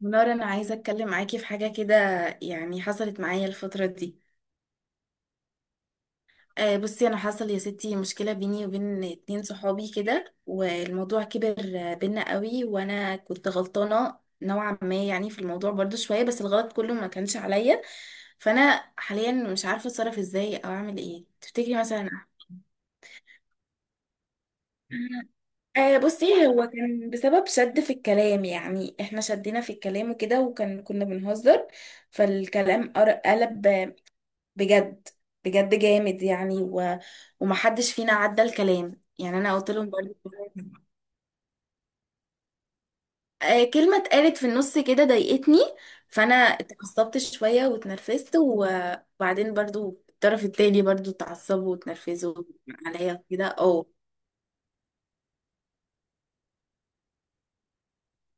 منار، انا عايزه اتكلم معاكي في حاجه كده. يعني حصلت معايا الفتره دي. آه بصي، انا حصل يا ستي مشكله بيني وبين اتنين صحابي كده، والموضوع كبر بينا قوي. وانا كنت غلطانه نوعا ما يعني في الموضوع برضو شويه، بس الغلط كله ما كانش عليا. فانا حاليا مش عارفه اتصرف ازاي او اعمل ايه، تفتكري مثلا؟ آه بصي، هو كان بسبب شد في الكلام. يعني احنا شدينا في الكلام وكده، وكان كنا بنهزر. فالكلام قلب بجد. بجد جامد يعني ومحدش فينا عدى الكلام. يعني انا قلت لهم برضه. آه، كلمة اتقالت في النص كده ضايقتني. فانا اتعصبت شوية واتنرفزت وبعدين برضو الطرف التاني اتعصبوا واتنرفزوا عليا وكده، اه.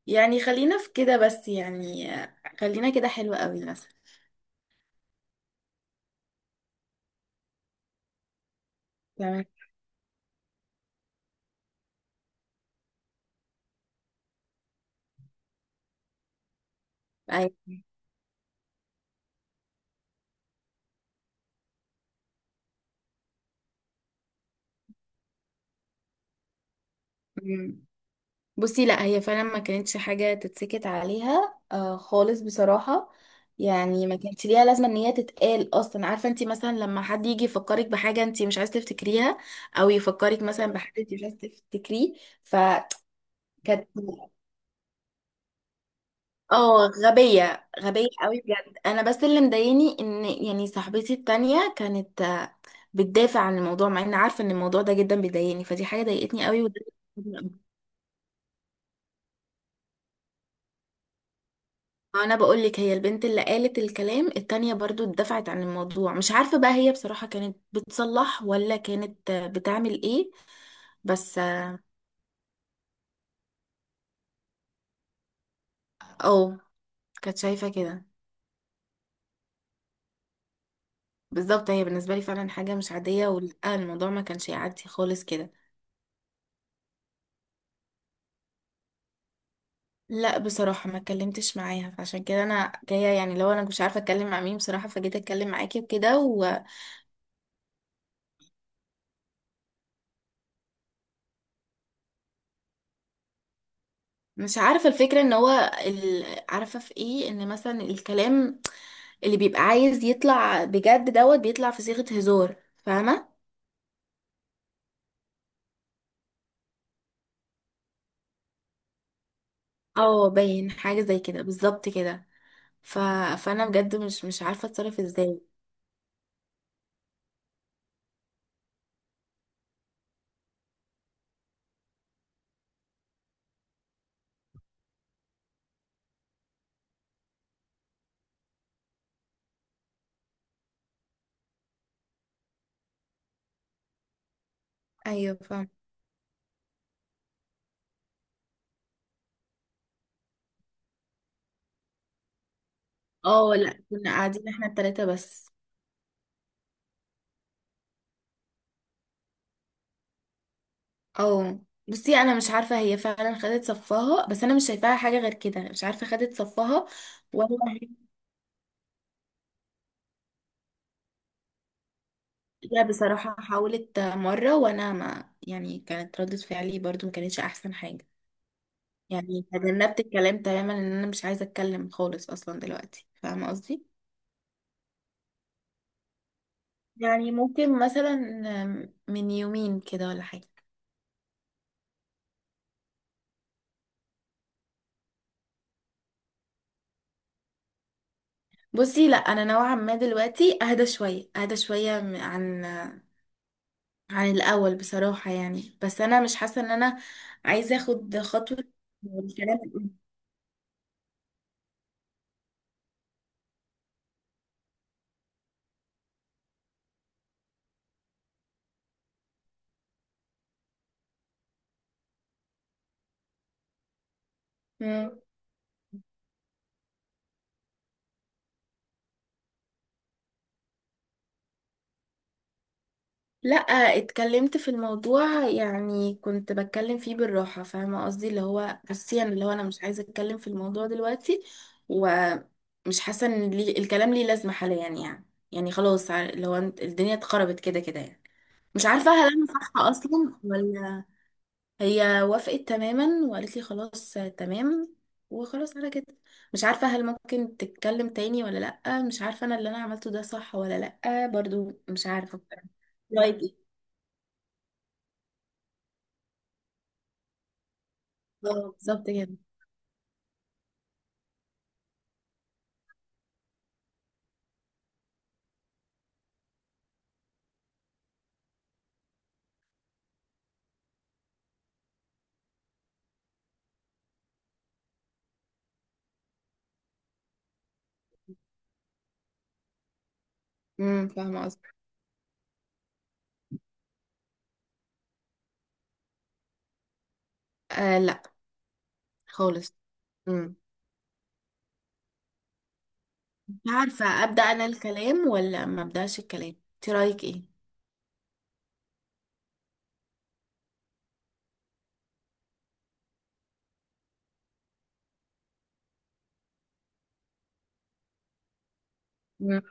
يعني خلينا في كده بس، يعني خلينا كده حلوة قوي مثلا. تمام. ايوه بصي، لا هي فعلا ما كانتش حاجة تتسكت عليها آه خالص، بصراحة. يعني ما كانتش ليها لازمة ان هي تتقال اصلا. عارفة انت مثلا لما حد يجي يفكرك بحاجة انت مش عايزة تفتكريها، او يفكرك مثلا بحد انت مش عايزة تفتكريه. فكانت اه، غبية غبية قوي بجد. انا بس اللي مضايقني ان يعني صاحبتي التانية كانت بتدافع عن الموضوع، مع ان عارفة ان الموضوع ده جدا بيضايقني. فدي حاجة ضايقتني قوي وده. انا بقول لك، هي البنت اللي قالت الكلام التانية برضو اتدفعت عن الموضوع. مش عارفة بقى هي بصراحة كانت بتصلح ولا كانت بتعمل ايه، بس. اه كانت شايفة كده. بالظبط، هي بالنسبة لي فعلا حاجة مش عادية، ولا الموضوع ما كانش يعدي خالص كده. لا بصراحة ما اتكلمتش معاها، فعشان كده انا جاية. يعني لو انا مش عارفة اتكلم مع مين بصراحة، فجيت اتكلم معاكي وكده. مش عارفة، الفكرة ان هو عارفة في ايه، ان مثلا الكلام اللي بيبقى عايز يطلع بجد دوت بيطلع في صيغة هزار، فاهمة؟ اه باين حاجة زي كده بالظبط كده. ف... فانا بجد مش عارفة اتصرف ازاي. ايوه فاهم. اه لا، كنا قاعدين احنا التلاتة بس. اه بصي، انا مش عارفة هي فعلا خدت صفها، بس انا مش شايفاها حاجة غير كده. مش عارفة خدت صفها ولا. لا بصراحة، حاولت مرة وأنا ما يعني كانت ردة فعلي برضو ما كانتش أحسن حاجة. يعني تجنبت الكلام تماما إن أنا مش عايزة أتكلم خالص أصلا دلوقتي، فاهمة قصدي؟ يعني ممكن مثلا من يومين كده ولا حاجة. بصي لا، أنا نوعا ما دلوقتي أهدى شوية أهدى شوية عن الأول بصراحة يعني، بس أنا مش حاسة إن أنا عايزة أخد خطوة الكلام. لا اتكلمت في الموضوع، يعني كنت بتكلم فيه بالراحة. فاهمة قصدي اللي هو بصي انا اللي هو انا مش عايزة اتكلم في الموضوع دلوقتي. ومش حاسة ان لي الكلام ليه لازمة حاليا يعني. خلاص اللي هو الدنيا اتخربت كده كده يعني. مش عارفة هل انا صح اصلا ولا. هي وافقت تماما وقالت لي خلاص تمام، وخلاص على كده. مش عارفة هل ممكن تتكلم تاني ولا لأ، مش عارفة انا اللي انا عملته ده صح ولا لأ، برضو مش عارفة. رايك إيه؟ اه بالظبط كده. امم، فاهمة قصدك. آه لا، خالص. امم، مش عارفة أبدأ أنا الكلام ولا ما أبدأش الكلام، انت رأيك ايه؟ مم.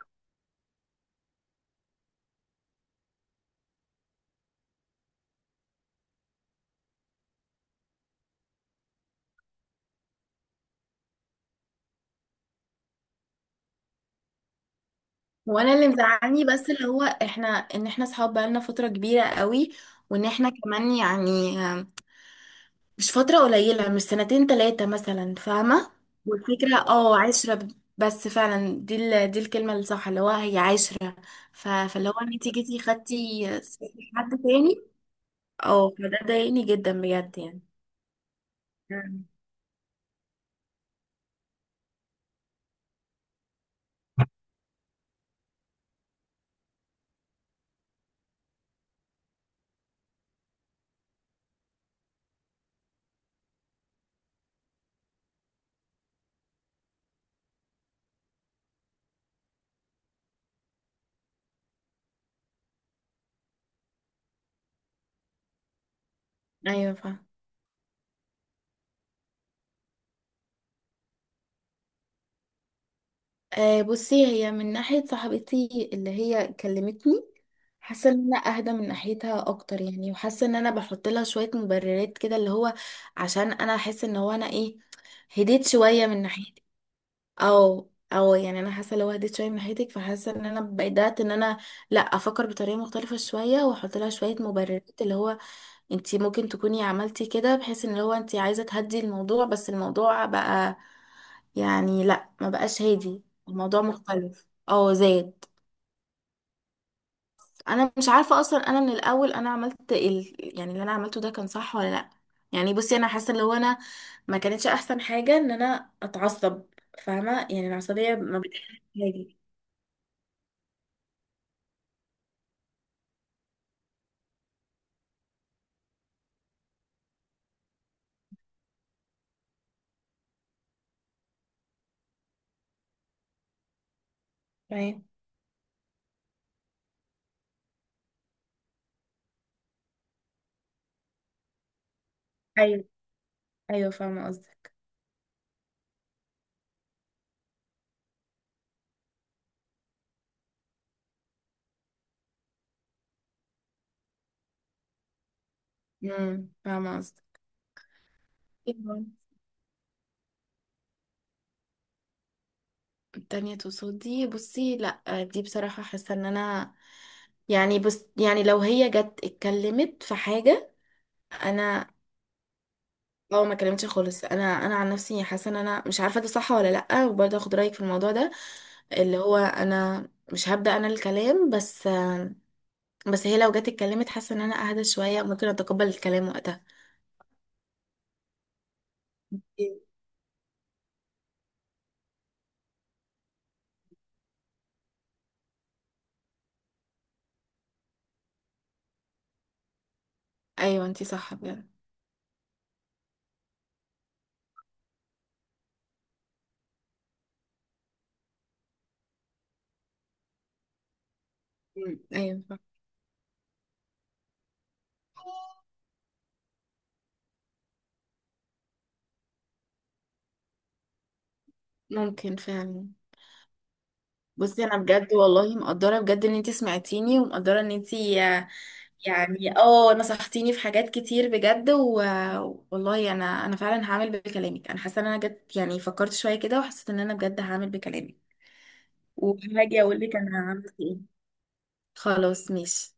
وانا اللي مزعلني بس اللي هو احنا، ان احنا صحاب بقالنا فترة كبيرة قوي، وان احنا كمان مش فترة قليلة، مش سنتين تلاتة مثلا، فاهمة. والفكرة اه عشرة بس فعلا دي دي الكلمة الصح اللي هو هي عشرة. فاللي هو انت جيتي خدتي حد تاني. اه فده ضايقني جدا بجد يعني. ايوه فاهم. آه بصي، هي من ناحية صاحبتي اللي هي كلمتني، حاسة ان انا اهدى من ناحيتها اكتر يعني. وحاسة ان انا بحط لها شوية مبررات كده، اللي هو عشان انا احس ان هو انا ايه، هديت شوية من ناحيتك. او يعني انا حاسة لو هديت شوية من ناحيتك، فحاسة ان انا بدأت ان انا لا افكر بطريقة مختلفة شوية، واحط لها شوية مبررات اللي هو انتي ممكن تكوني عملتي كده بحيث ان هو انتي عايزة تهدي الموضوع، بس الموضوع بقى يعني لا ما بقاش هادي. الموضوع مختلف، اه زاد. انا مش عارفة اصلا، انا من الاول انا عملت يعني اللي انا عملته ده كان صح ولا لا. يعني بصي، انا حاسة اللي هو انا ما كانتش احسن حاجة ان انا اتعصب، فاهمة. يعني العصبية ما بتحبش هادي، فاهم. ايوه ايوه فاهمة قصدك. فاهمة قصدك تانية تصدي. بصي لا، دي بصراحة حاسة ان انا يعني بس يعني لو هي جت اتكلمت في حاجة. انا اه ما كلمتش خالص. انا عن نفسي حاسة ان انا مش عارفة ده صح ولا لا، وبرضه اخد رأيك في الموضوع ده. اللي هو انا مش هبدأ انا الكلام، بس هي لو جت اتكلمت حاسة ان انا اهدى شوية، ممكن اتقبل الكلام وقتها. ايوه انتي صح بجد. مم. ايوه صح. ممكن فعلا. بصي انا بجد والله مقدره بجد ان انتي سمعتيني، ومقدره ان انتي يعني اه نصحتيني في حاجات كتير بجد والله انا فعلا هعمل بكلامك. انا حاسه ان انا جد، يعني فكرت شويه كده وحسيت ان انا بجد هعمل بكلامك، وهاجي اقول لك انا عملت ايه. خلاص ماشي.